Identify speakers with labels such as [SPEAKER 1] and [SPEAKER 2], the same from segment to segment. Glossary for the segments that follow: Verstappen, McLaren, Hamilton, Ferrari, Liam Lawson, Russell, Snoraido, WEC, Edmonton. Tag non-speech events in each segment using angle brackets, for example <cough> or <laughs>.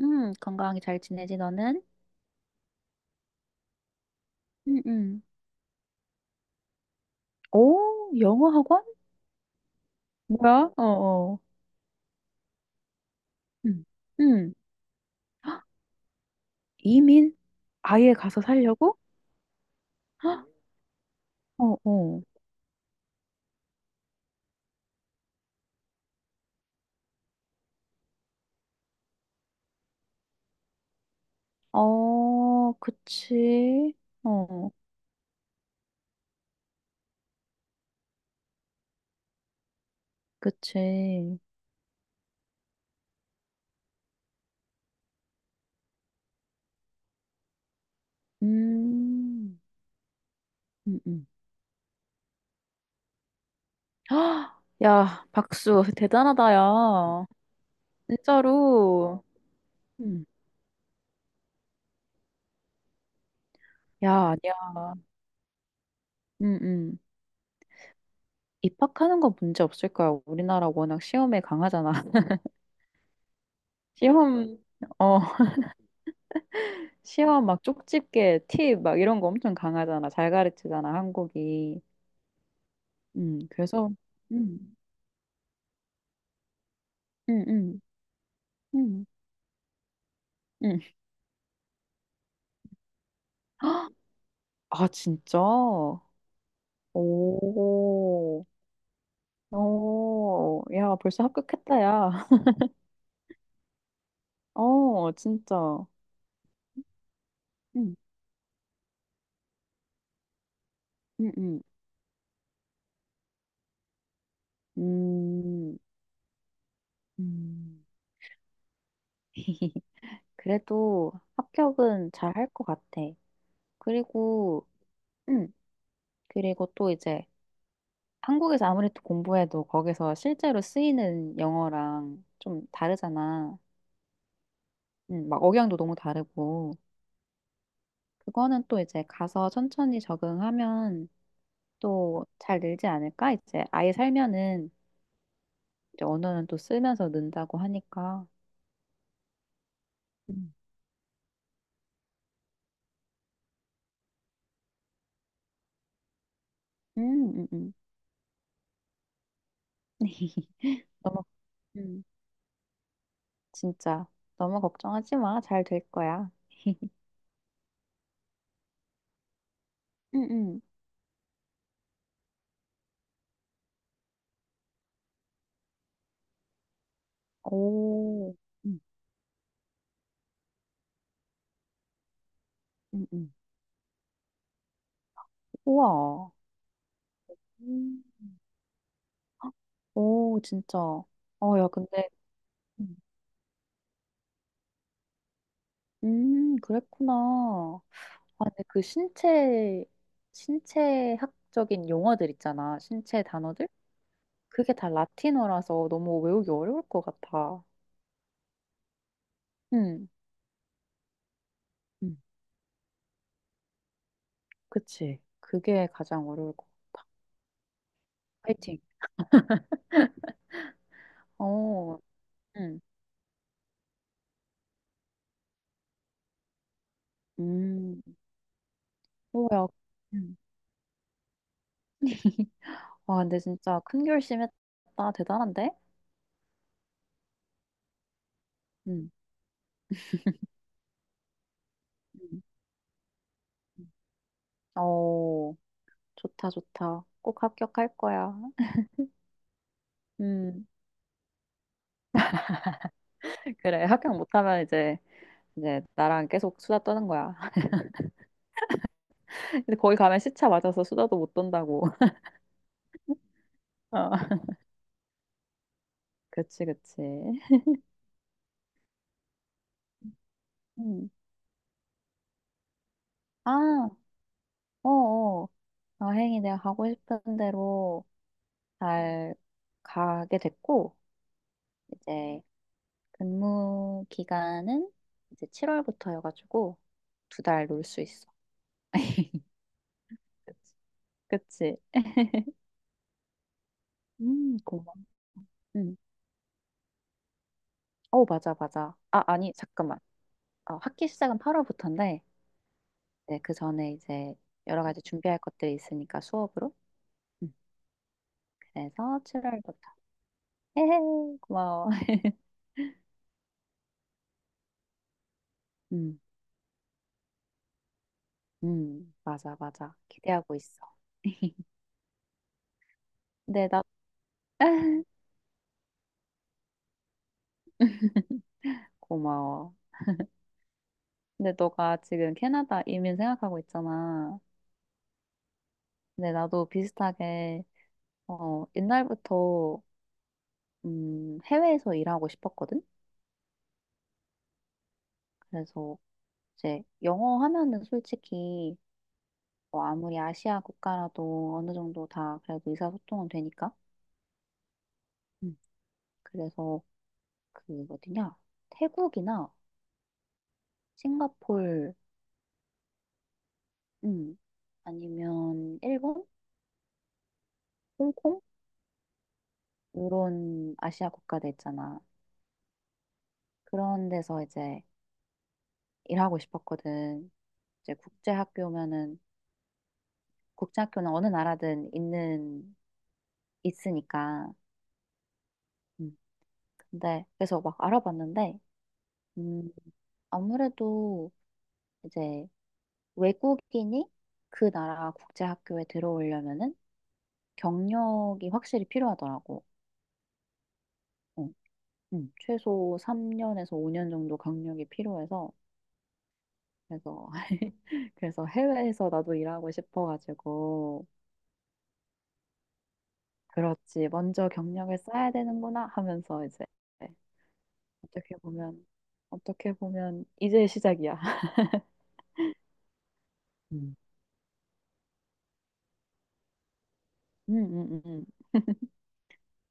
[SPEAKER 1] 건강하게 잘 지내지, 너는? 응응. 오, 영어 학원? 뭐야? 어, 어. 응, 응. 이민? 아예 가서 살려고? 어, 어. 어, 그치. 어, 그치. 음, 응, 응. 헉, <gasps> 야, 박수. 대단하다, 야. 진짜로. 응. 야, 아니야. 응응. 입학하는 거 문제 없을 거야. 우리나라 워낙 시험에 강하잖아. <laughs> 시험, 어. 시험 막 쪽집게 팁 막 이런 거 엄청 강하잖아. 잘 가르치잖아, 한국이. 그래서. 음, 음, 음, 음, 음. 아, 진짜? 오, 오, 야, 벌써 합격했다, 야. <laughs> 어, 진짜. 음, 음, 음, 음, 음. <laughs> 그래도 합격은 잘 할 것 같아. 그리고, 음, 그리고 또 이제 한국에서 아무래도 공부해도 거기서 실제로 쓰이는 영어랑 좀 다르잖아. 막 억양도 너무 다르고. 그거는 또 이제 가서 천천히 적응하면 또 잘 늘지 않을까? 이제 아예 살면은 이제 언어는 또 쓰면서 는다고 하니까. 음. 음. <laughs> 너무, 음, 진짜. 너무 걱정하지 마. 잘 될 거야. 음, 음. 오, 응응응. 우와. 음. 오, 진짜. 어, 야, 근데 음. 그랬구나. 아, 근데 신체학적인 용어들 있잖아. 신체 단어들? 그게 다 라틴어라서 너무 외우기 어려울 것 같아. 응, 응, 그치. 그게 가장 어려울 것 같아. 파이팅. 어, 응, 음, 뭐야. 응. 와, 근데 진짜 큰 결심했다. 대단한데? 응, 응, 응. 어, 좋다, 좋다. 꼭 합격할 거야. <laughs> 음, 그래. 합격 못하면 이제 나랑 계속 수다 떠는 거야. <laughs> 근데 거기 가면 시차 맞아서 수다도 못 떤다고. <laughs> 어. 그치, 그치. 음. 아, 어어. 여행이 내가 가고 싶은 대로 잘 가게 됐고, 이제 근무 기간은 이제 7월부터여가지고 두 달 놀 수 있어. 그치. 그치. 고마워. 음. 어, 맞아, 맞아. 아, 아니, 잠깐만. 어, 학기 시작은 8월부터인데, 네, 그 전에 이제 여러 가지 준비할 것들이 있으니까 수업으로. 음. 그래서 7월부터. 헤헤, 고마워. <laughs> 음, 맞아, 맞아. 기대하고 있어. 근데 나, <laughs> 고마워. 근데 너가 지금 캐나다 이민 생각하고 있잖아. 근데 나도 비슷하게, 어, 옛날부터, 해외에서 일하고 싶었거든? 그래서 이제 영어 하면은 솔직히, 뭐 아무리 아시아 국가라도 어느 정도 다 그래도 의사소통은 되니까. 음, 그래서 그 어디냐? 태국이나 싱가폴. 음. 아니면 일본, 홍콩 이런 아시아 국가들 있잖아. 그런 데서 이제 일하고 싶었거든. 이제 국제학교면은 국제학교는 어느 나라든 있는 있으니까. 음. 근데 그래서 막 알아봤는데 음, 아무래도 이제 외국인이 그 나라 국제학교에 들어오려면은 경력이 확실히 필요하더라고. 어, 최소 3년에서 5년 정도 경력이 필요해서 그래서 <laughs> 그래서 해외에서 나도 일하고 싶어가지고. 그렇지 먼저 경력을 쌓아야 되는구나 하면서 이제 어떻게 보면 어떻게 보면 이제 시작이야. <laughs> 음. 음, 음, 음.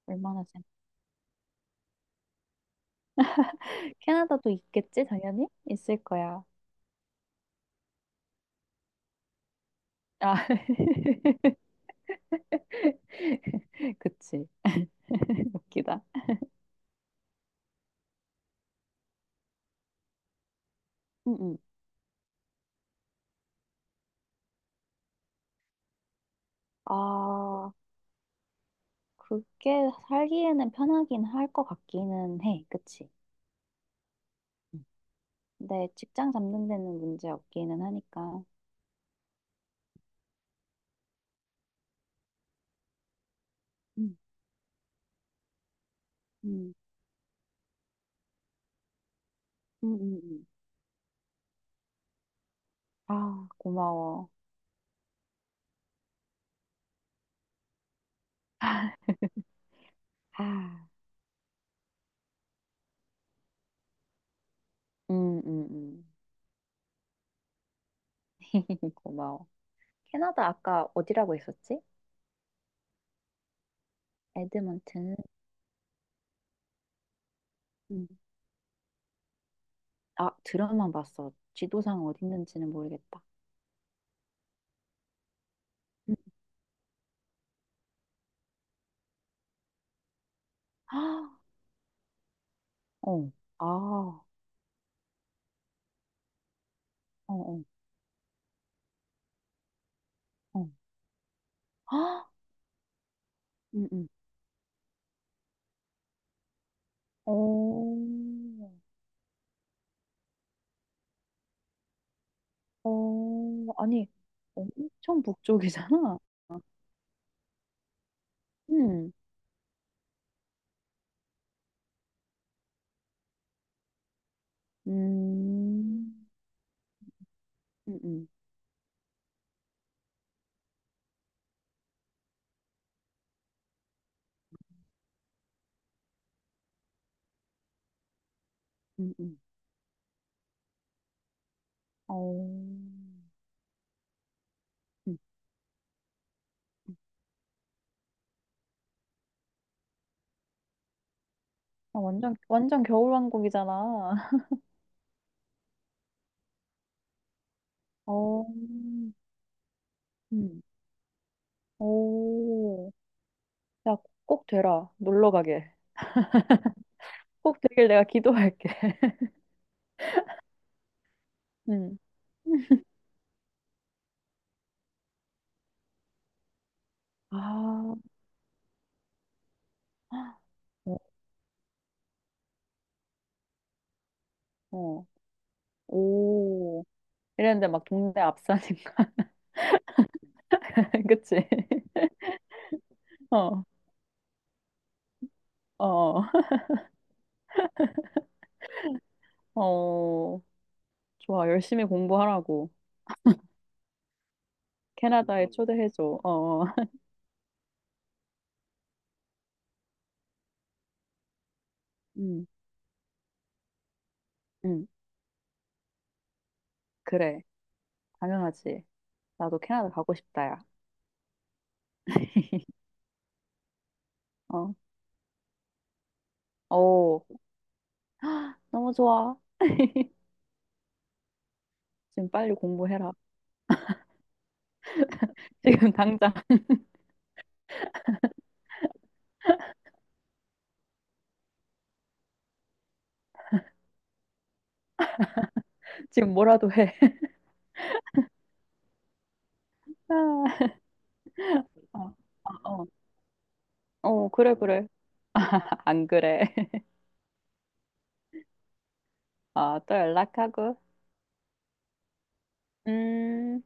[SPEAKER 1] 얼마나 재 캐나다도 있겠지. 당연히 있을 거야. 아. <laughs> 그치. <laughs> 웃기다. 응, 응. 아, 그게 살기에는 편하긴 할 것 같기는 해. 그치? 근데 직장 잡는 데는 문제 없기는 하니까. 음, 음. 음, 음, 음. 아, 고마워. 아, 음. <laughs> 고마워. 캐나다 아까 어디라고 했었지? 에드먼튼. 음, 아, 드라마 봤어. 지도상 어디 있는지는 모르겠다. 음, <gasps> 아, 어, 아, 어, 어, 어. <gasps> 아, 음, 음. 어, 어, 아니, 엄청 북쪽이잖아. 음, 음, 음, 음. 음, 음. 어, 음. 아, 완전, 완전 겨울왕국이잖아. <laughs> 어, 음. 오. 야, 꼭 되라. 놀러 가게. 꼭 되길 내가 기도할게. <laughs> 음. 아, 어, 어. 오. 이랬는데 막 동네 앞산인가? <laughs> 그치? 어, 어, 어. 어. 좋아. 열심히 공부하라고. 캐나다에 초대해줘. 어, 어. 음, 음. 그래. 당연하지. 나도 캐나다 가고 싶다, 야. <laughs> 어, 어, 너무 좋아. <laughs> 지금 빨리 공부해라. 지금 당장, <laughs> 지금 뭐라도 해. 아, 어, 어, 어, 어, 그래, 그래. 아, 안 그래. <laughs> 아, 또 연락하고. 음.